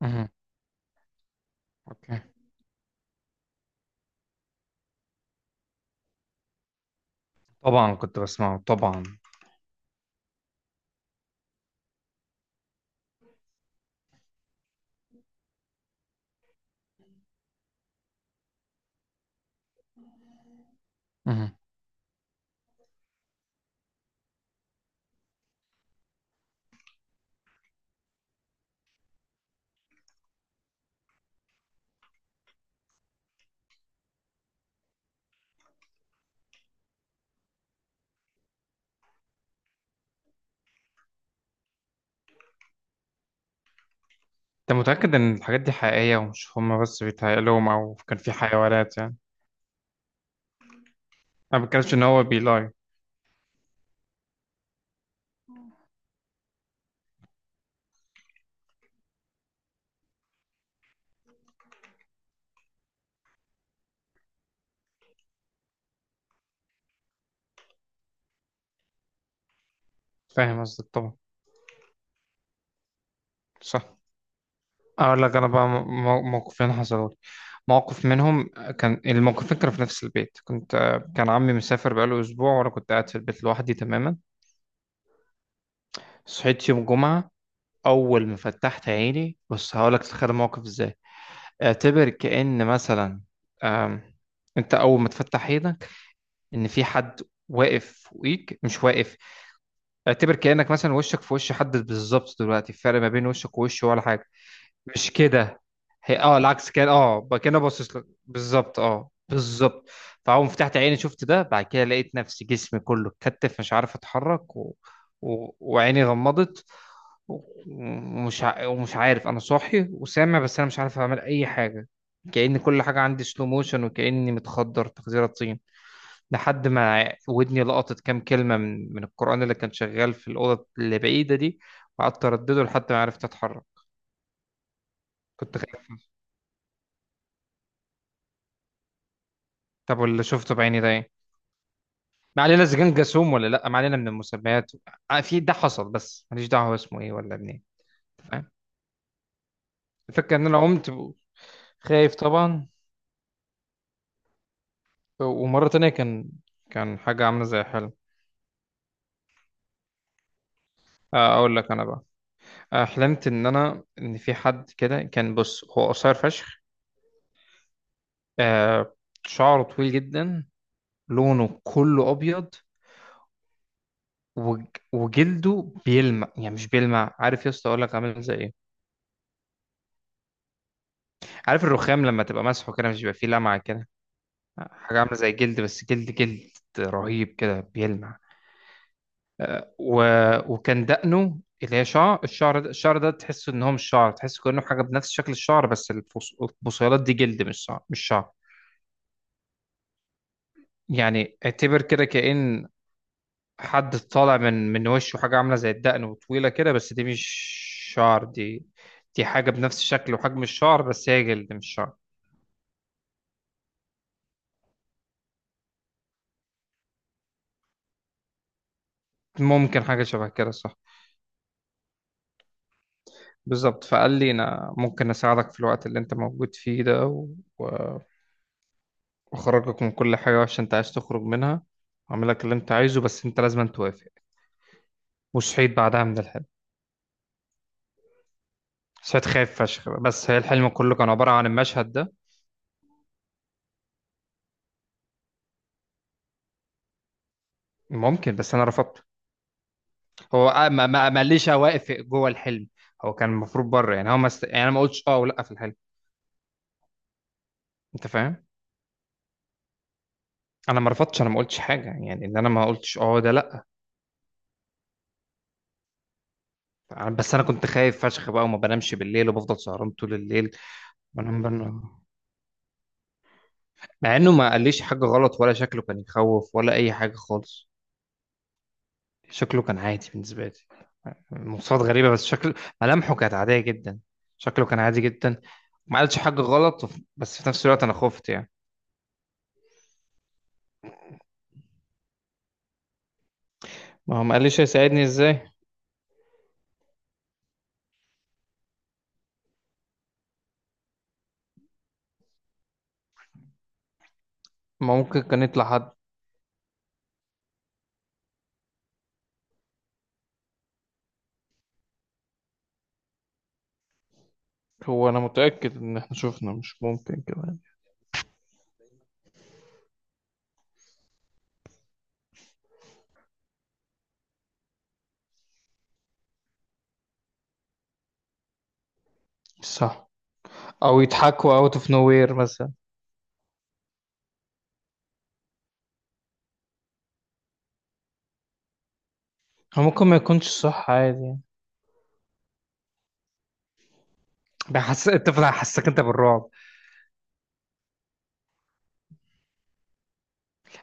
مهم. اوكي. طبعا كنت بسمعه طبعا. مهم. انت متأكد ان الحاجات دي حقيقية ومش هما بس بيتهيأ لهم او كان في حيوانات يعني؟ انا ما بتكلمش ان هو بيلاي. فاهم قصدك طبعا. صح. اقول لك انا بقى موقفين حصلوا لي، موقف منهم. كان الموقفين كانوا في نفس البيت. كنت، كان عمي مسافر بقاله اسبوع وانا كنت قاعد في البيت لوحدي تماما. صحيت يوم جمعة. اول ما فتحت عيني، بص هقول لك تتخيل الموقف ازاي. اعتبر كأن مثلا، آم، انت اول ما تفتح عينك ان في حد واقف فوقيك. مش واقف، اعتبر كأنك مثلا وشك في وش حد بالظبط. دلوقتي الفرق ما بين وشك ووشه ولا حاجة. مش كده. هي العكس، كان بقى كده باصص لك بالظبط، اه بالظبط. فاول ما فتحت عيني شفت ده. بعد كده لقيت نفسي، جسمي كله اتكتف، مش عارف اتحرك وعيني غمضت و- ومش ومش عارف انا صاحي وسامع بس انا مش عارف اعمل اي حاجة. كأن كل حاجة عندي سلو موشن وكأني متخدر تخديرة طين. لحد ما ودني لقطت كام كلمة من القرآن اللي كان شغال في الأوضة اللي بعيدة دي، وقعدت أردده لحد ما عرفت أتحرك. كنت خايف. طب واللي شفته بعيني ده إيه؟ ما علينا إذا كان جاسوم ولا لأ، ما علينا من المسميات. آه، في ده حصل بس ماليش دعوة هو اسمه إيه ولا منين. أنت فاهم. الفكرة إن أنا قمت خايف طبعا. ومرة تانية كان، كان حاجة عاملة زي حلم. آه، أقول لك أنا بقى. آه، حلمت إن أنا، إن في حد كده كان بص. هو قصير فشخ، آه، شعره طويل جدا، لونه كله ابيض، وج- وجلده بيلمع. يعني مش بيلمع، عارف يا اسطى اقول لك عامل زي ايه؟ عارف الرخام لما تبقى مسحه كده مش بيبقى فيه لمعه كده؟ حاجه عامله زي جلد، بس جلد جلد رهيب كده بيلمع. و... وكان دقنه اللي هي شعر، الشعر ده، الشعر ده تحسه ان هو مش شعر، تحسه كانه حاجه بنفس شكل الشعر بس البصيلات دي جلد مش شعر، مش شعر. يعني اعتبر كده كأن حد طالع من وشه حاجة عاملة زي الدقن وطويلة كده، بس دي مش شعر. دي، دي حاجة بنفس شكل وحجم الشعر بس هي جلد مش شعر. ممكن حاجة شبه كده، صح. بالظبط. فقال لي أنا ممكن أساعدك في الوقت اللي أنت موجود فيه ده و- وأخرجك من كل حاجة وحشة أنت عايز تخرج منها وأعمل لك اللي أنت عايزه، بس أنت لازم توافق. وصحيت بعدها من الحلم. صحيت خايف فشخ بس هي الحلم كله كان عبارة عن المشهد ده. ممكن، بس أنا رفضت. هو آه، ما ليش واقف جوه الحلم، هو كان المفروض بره. يعني هو ما است... يعني انا ما قلتش اه ولا في الحلم. انت فاهم. انا ما رفضتش، انا ما قلتش حاجه. يعني ان انا ما قلتش اه، ده لا. بس انا كنت خايف فشخ بقى، وما بنامش بالليل وبفضل سهران طول الليل، بنام بنام. مع انه ما قاليش حاجه غلط، ولا شكله كان يخوف، ولا اي حاجه خالص. شكله كان عادي بالنسبه لي. مواصفات غريبه بس شكله، ملامحه كانت عاديه جدا. شكله كان عادي جدا. ما قالش حاجه غلط بس في نفس الوقت انا خفت يعني. ما هو ما قاليش هيساعدني ازاي. ما ممكن كان يطلع حد. هو انا متأكد ان احنا شفنا، مش ممكن كمان. مش صح. او يضحكوا اوت اوف نو وير مثلا. هو ممكن ما يكونش صح عادي يعني. بحس انت حسك انت بالرعب.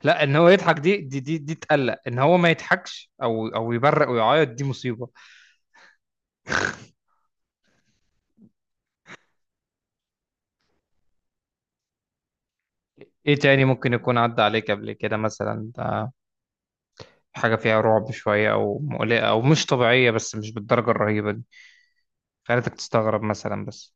لا، ان هو يضحك دي، دي تقلق. ان هو ما يضحكش او او يبرق ويعيط دي مصيبه. ايه تاني ممكن يكون عدى عليك قبل كده مثلا؟ ده حاجه فيها رعب شويه او مقلقه او مش طبيعيه بس مش بالدرجه الرهيبه دي، خلتك تستغرب مثلا بس.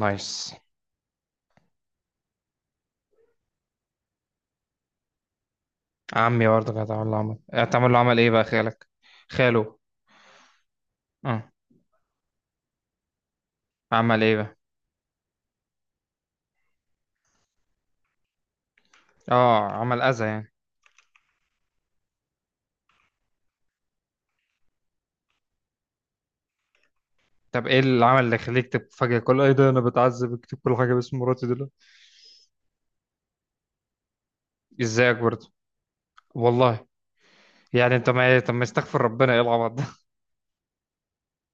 نايس. عمي برضه كانت عامله عمل. هتعمل له عمل ايه بقى؟ خالك؟ خاله؟ آه. عمل ايه بقى؟ اه عمل اذى يعني. طب ايه اللي عمل اللي يخليك تكتب فجأة كل ايه ده؟ انا بتعذب اكتب كل حاجة باسم مراتي دلوقتي؟ ازيك برضه. والله. يعني انت ما إيه، طب ما يستغفر ربنا، ايه العبط ده؟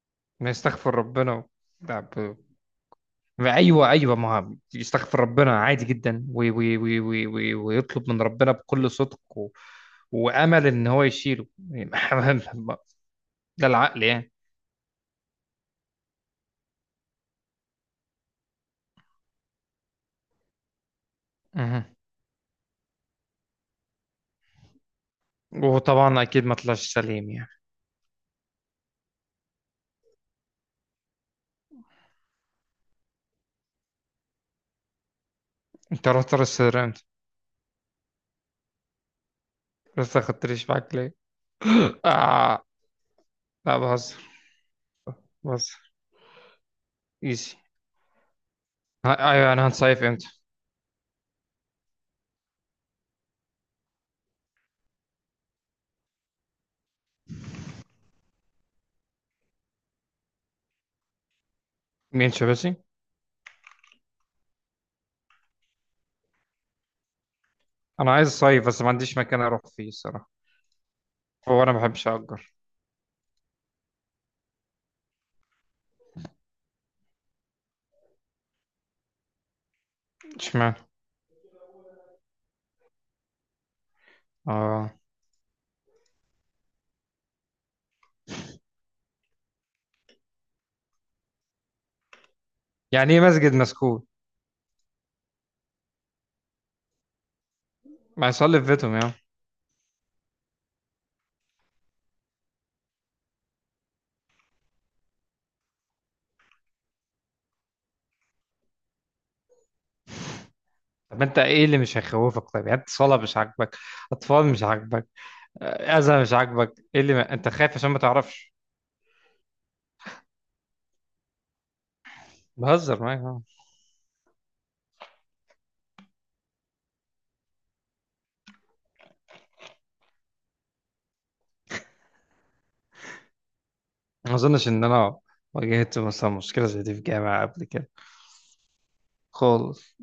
ما يستغفر ربنا طب، ما ايوه ايوه ما هو يستغفر ربنا عادي جدا، وي وي وي وي وي، ويطلب من ربنا بكل صدق وامل ان هو يشيله يعني. ده العقل يعني. مهم. وطبعا اكيد ما طلعش سليم يعني. انت رحت رستورانت؟ لسه خدتليش معاك؟ آه. لا بهزر، بهزر. ايزي. ايوه، انا هنصيف امتى؟ مين شبسي؟ انا عايز اصيف بس ما عنديش مكان اروح فيه الصراحه. هو انا ما بحبش اجر. اشمعنى؟ اه. يعني ايه مسجد مسكون؟ ما يصلي في بيتهم يا عم. طب انت ايه اللي مش هيخوفك طيب؟ يعني انت صلاه مش عاجبك، اطفال مش عاجبك، آه، اذى مش عاجبك، ايه اللي ما... انت خايف عشان ما تعرفش. بهزر معاك آه. ما اظنش ان انا واجهت مثلا مشكله زي دي في جامعه قبل كده. خالص.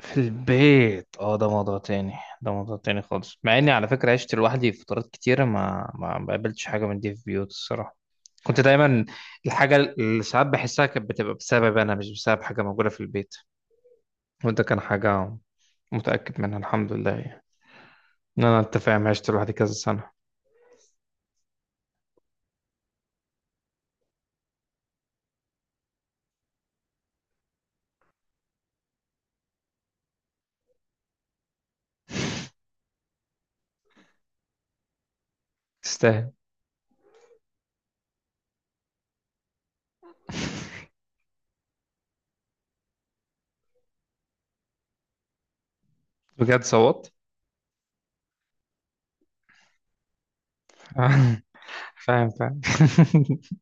في البيت اه ده موضوع تاني. ده موضوع تاني خالص، مع اني على فكرة عشت لوحدي في فترات كتيرة، ما قابلتش حاجة من دي في بيوت الصراحة. كنت دايما، الحاجة اللي ساعات بحسها كانت بتبقى بسبب انا مش بسبب حاجة موجودة في البيت. وده كان حاجة متأكد منها الحمد لله يعني. ان انا، انت فاهم، عشت لوحدي كذا سنة. تستاهل. بجد صوت؟ فاهم فاهم.